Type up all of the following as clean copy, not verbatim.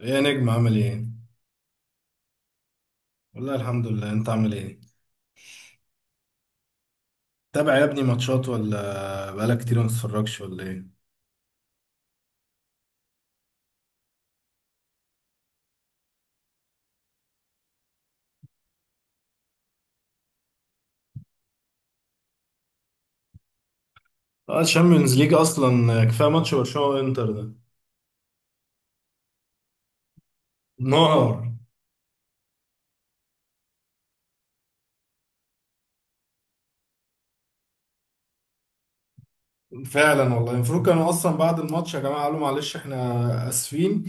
ايه يا نجم، عامل ايه؟ والله الحمد لله، انت عامل ايه؟ تابع يا ابني ماتشات ولا بقالك كتير ما تتفرجش ولا ايه؟ اه، الشامبيونز ليج اصلا كفايه ماتش برشلونه وانتر ده. نار. فعلا والله المفروض كانوا اصلا بعد الماتش يا جماعه قالوا معلش احنا اسفين،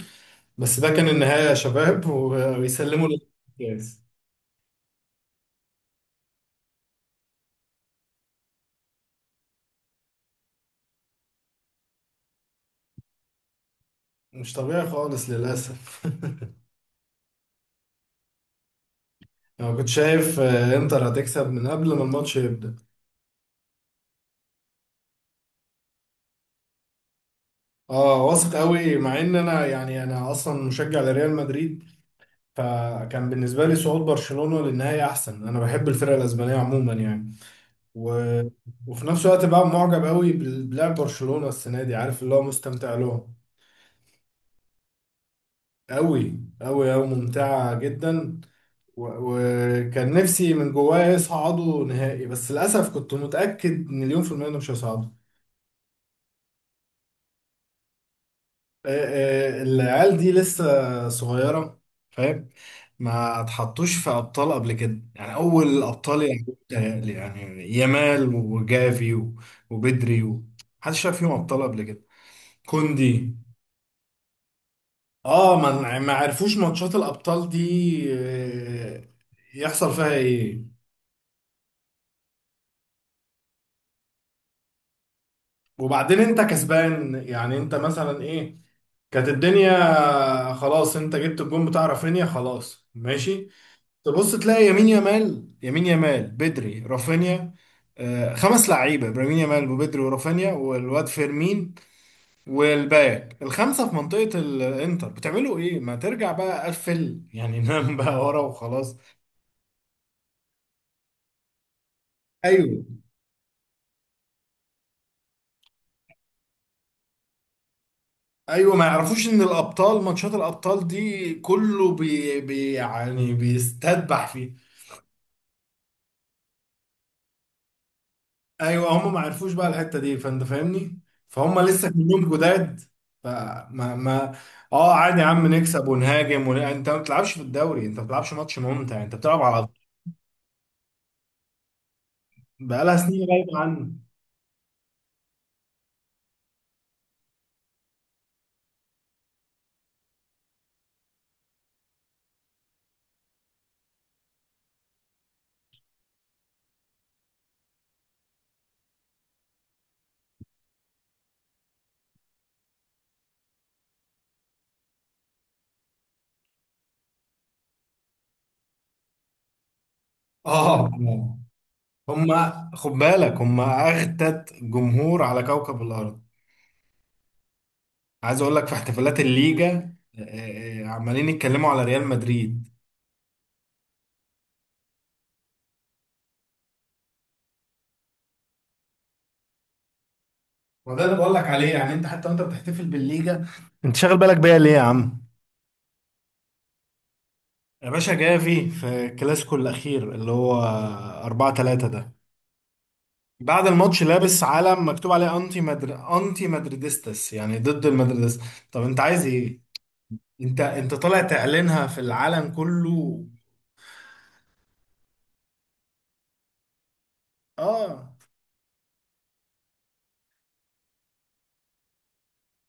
بس ده كان النهايه يا شباب، ويسلموا للكاس. مش طبيعي خالص للاسف. انا كنت شايف انتر هتكسب من قبل ما الماتش يبدأ. اه، واثق قوي، مع ان انا اصلا مشجع لريال مدريد، فكان بالنسبة لي صعود برشلونة للنهائي أحسن. أنا بحب الفرق الأسبانية عموما يعني. و... وفي نفس الوقت بقى معجب قوي بلعب برشلونة السنة دي، عارف اللي هو، مستمتع لهم. قوي قوي قوي، ممتعة جدا. وكان نفسي من جوايا يصعدوا نهائي، بس للأسف كنت متأكد مليون في المية إنهم مش هيصعدوا. العيال دي لسه صغيرة، فاهم. ما اتحطوش في أبطال قبل كده يعني، أول الأبطال يعني، متهيألي يعني. يامال وجافي وبدري محدش شاف فيهم أبطال قبل كده. كوندي. اه، ما عرفوش ماتشات الأبطال دي. آه، يحصل فيها ايه. وبعدين انت كسبان يعني، انت مثلا ايه، كانت الدنيا خلاص، انت جبت الجون بتاع رافينيا خلاص ماشي. تبص تلاقي يمين يامال، يمين يامال، بدري، رافينيا. خمس لعيبه: ابراهيم يامال وبدري ورافينيا والواد فيرمين والباك الخمسه في منطقه الانتر، بتعملوا ايه؟ ما ترجع بقى قفل يعني. نام بقى ورا وخلاص. ايوه. ايوه، ما يعرفوش ان الابطال، ماتشات الابطال دي كله بي بي يعني، بيستذبح فيه. ايوه، هم ما عرفوش بقى الحته دي، فانت فاهمني. فهم لسه كلهم جداد. فما ما اه، عادي يا عم، نكسب ونهاجم انت ما بتلعبش في الدوري، انت ما بتلعبش ماتش ممتع، انت بتلعب على، بقالها سنين غايبه عنه. اه، هم. خد بالك، هم اغتت جمهور على كوكب الارض. عايز اقول لك في احتفالات الليجا عمالين يتكلموا على ريال مدريد. وده اللي بقول لك عليه يعني، انت حتى وانت بتحتفل بالليجا، انت شاغل بالك بيا ليه يا عم. يا باشا جافي في الكلاسيكو الأخير اللي هو 4-3 ده، بعد الماتش لابس علم مكتوب عليه أنتي مدريدستس، يعني ضد المدريدس. طب أنت عايز إيه؟ أنت أنت طالع تعلنها في العالم كله. آه.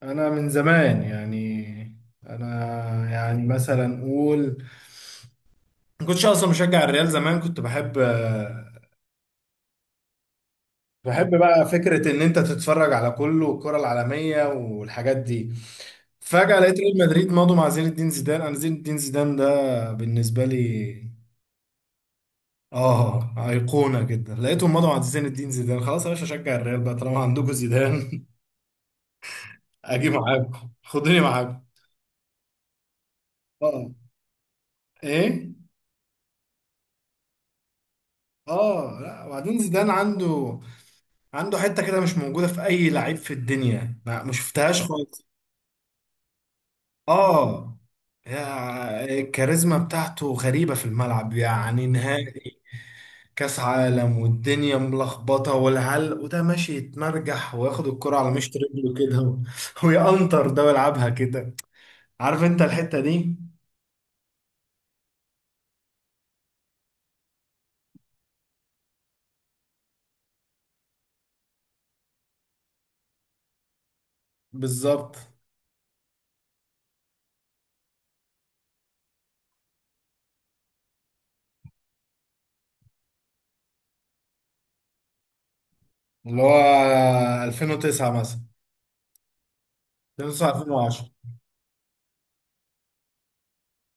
أنا من زمان يعني، أنا يعني مثلا أقول، ما كنتش أصلا مشجع الريال. زمان كنت بحب، بقى فكرة إن أنت تتفرج على كله، والكرة العالمية والحاجات دي. فجأة لقيت ريال مدريد ماضوا مع زين الدين زيدان. أنا زين الدين زيدان ده بالنسبة لي آه، أيقونة جدا. لقيتهم ماضوا مع زين الدين زيدان، خلاص يا باشا، أشجع الريال بقى طالما عندكم زيدان. أجي معاكم، خدوني معاكم. آه. إيه؟ آه، لا، وبعدين زيدان عنده، عنده حتة كده مش موجودة في أي لعيب في الدنيا، ما شفتهاش خالص. اه، يا- الكاريزما بتاعته غريبة في الملعب يعني. نهائي كأس عالم والدنيا ملخبطة، والعلق وده ماشي يتمرجح، وياخد الكرة على مشط رجله كده ويقنطر ده ويلعبها كده. عارف انت الحتة دي. بالظبط. اللي هو 2009 مثلا. 2009، 2010.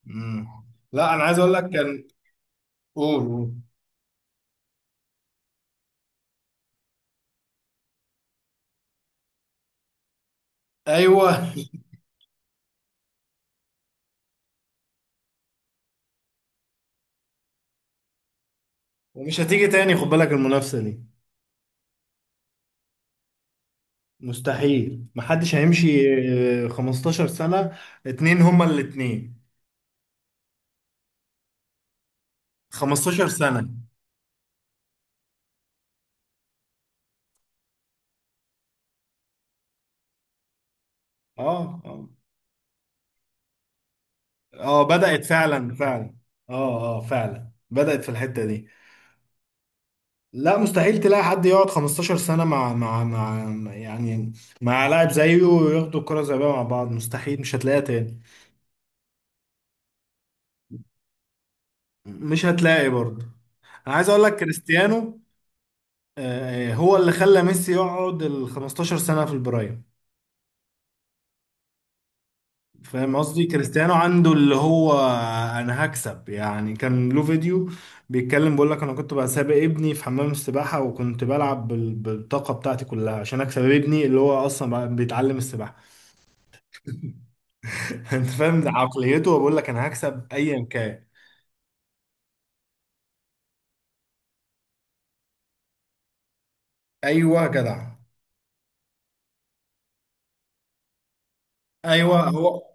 امم لا، انا عايز اقول لك كان، قول قول. ايوه. ومش هتيجي تاني، خد بالك المنافسة دي. مستحيل، محدش هيمشي. 15 سنة، 2 هما الـ2. 15 سنة. اه اه. اه، بدأت فعلا فعلا. اه اه، فعلا بدأت في الحتة دي. لا، مستحيل تلاقي حد يقعد 15 سنة مع- يعني مع لاعب زيه، وياخدوا الكرة الذهبية مع بعض، مستحيل، مش هتلاقيها تاني. مش هتلاقي برضه. انا عايز اقول لك، كريستيانو هو اللي خلى ميسي يقعد ال 15 سنة في البرايم. فاهم قصدي، كريستيانو عنده اللي هو، انا هكسب يعني. كان له فيديو بيتكلم بيقول لك انا كنت بقى سابق ابني في حمام السباحه، وكنت بلعب بالطاقه بتاعتي كلها عشان اكسب ابني، اللي هو اصلا بقى بيتعلم السباحه. انت فاهم، ده عقليته، بقول لك انا هكسب ايا كان. ايوه يا جدع. ايوه، هو.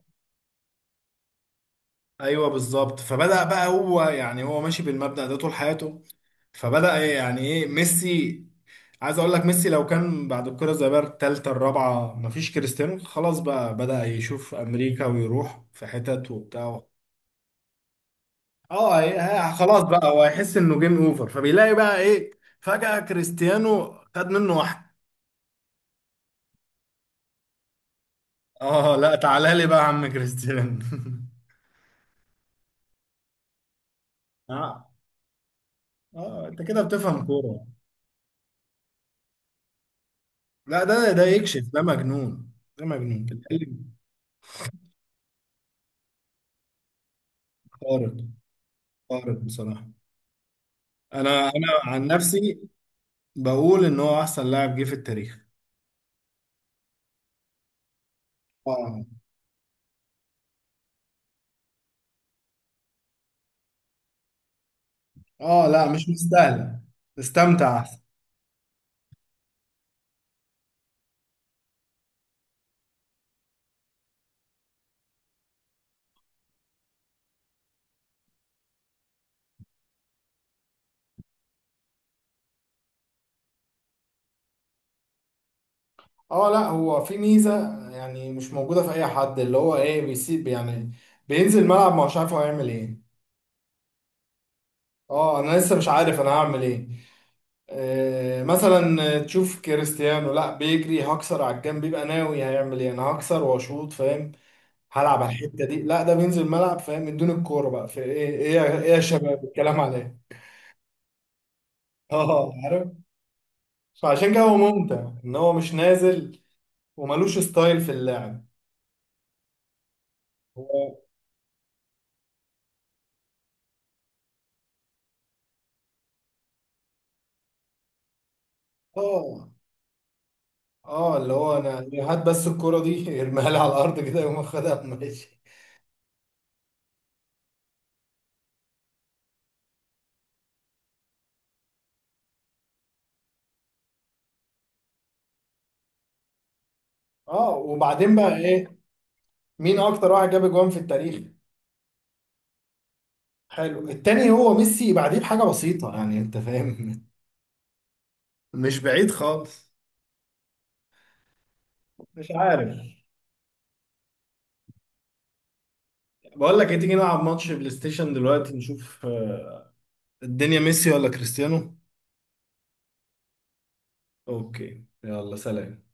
ايوه بالظبط. فبدأ بقى هو يعني، هو ماشي بالمبدأ ده طول حياته. فبدأ إيه يعني، ايه ميسي. عايز اقول لك، ميسي لو كان بعد الكرة الذهبية التالتة الرابعة مفيش كريستيانو، خلاص بقى بدأ يشوف امريكا ويروح في حتت وبتاع. اه، إيه، ها، خلاص بقى هو هيحس انه جيم اوفر، فبيلاقي بقى ايه، فجأة كريستيانو خد منه واحد. اه، لا تعالى لي بقى يا عم كريستيانو. اه اه، انت كده بتفهم كورة. لا، ده ده يكشف، ده مجنون. ده مجنون. خارق. خارق بصراحة. أنا عن نفسي بقول إن هو أحسن لاعب جه في التاريخ. آه. آه، لا مش مستاهلة، استمتع أحسن. اه، لا، هو في ميزه يعني مش موجوده في اي حد، اللي هو ايه، بيسيب يعني، بينزل الملعب ما هوش عارف هو هيعمل ايه. اه، انا لسه مش عارف انا هعمل ايه. آه، مثلا تشوف كريستيانو، لا بيجري هكسر على الجنب، بيبقى ناوي هيعمل ايه، انا هكسر واشوط، فاهم، هلعب على الحته دي. لا، ده بينزل الملعب فاهم من دون الكوره، بقى في ايه ايه يا- ايه يا شباب الكلام عليه. اه عارف. فعشان كده هو ممتع، ان هو مش نازل وملوش ستايل في اللعب. هو، اه اه اللي هو، انا هات بس الكوره دي. ارميها لي على الارض كده، يقوم واخدها ماشي. اه، وبعدين بقى ايه، مين اكتر واحد جاب اجوان في التاريخ؟ حلو، التاني هو ميسي بعديه بحاجه بسيطه يعني، انت فاهم. مش بعيد خالص. مش عارف. بقول لك ايه، تيجي نلعب ماتش بلاي ستيشن دلوقتي نشوف الدنيا ميسي ولا كريستيانو. اوكي، يلا سلام.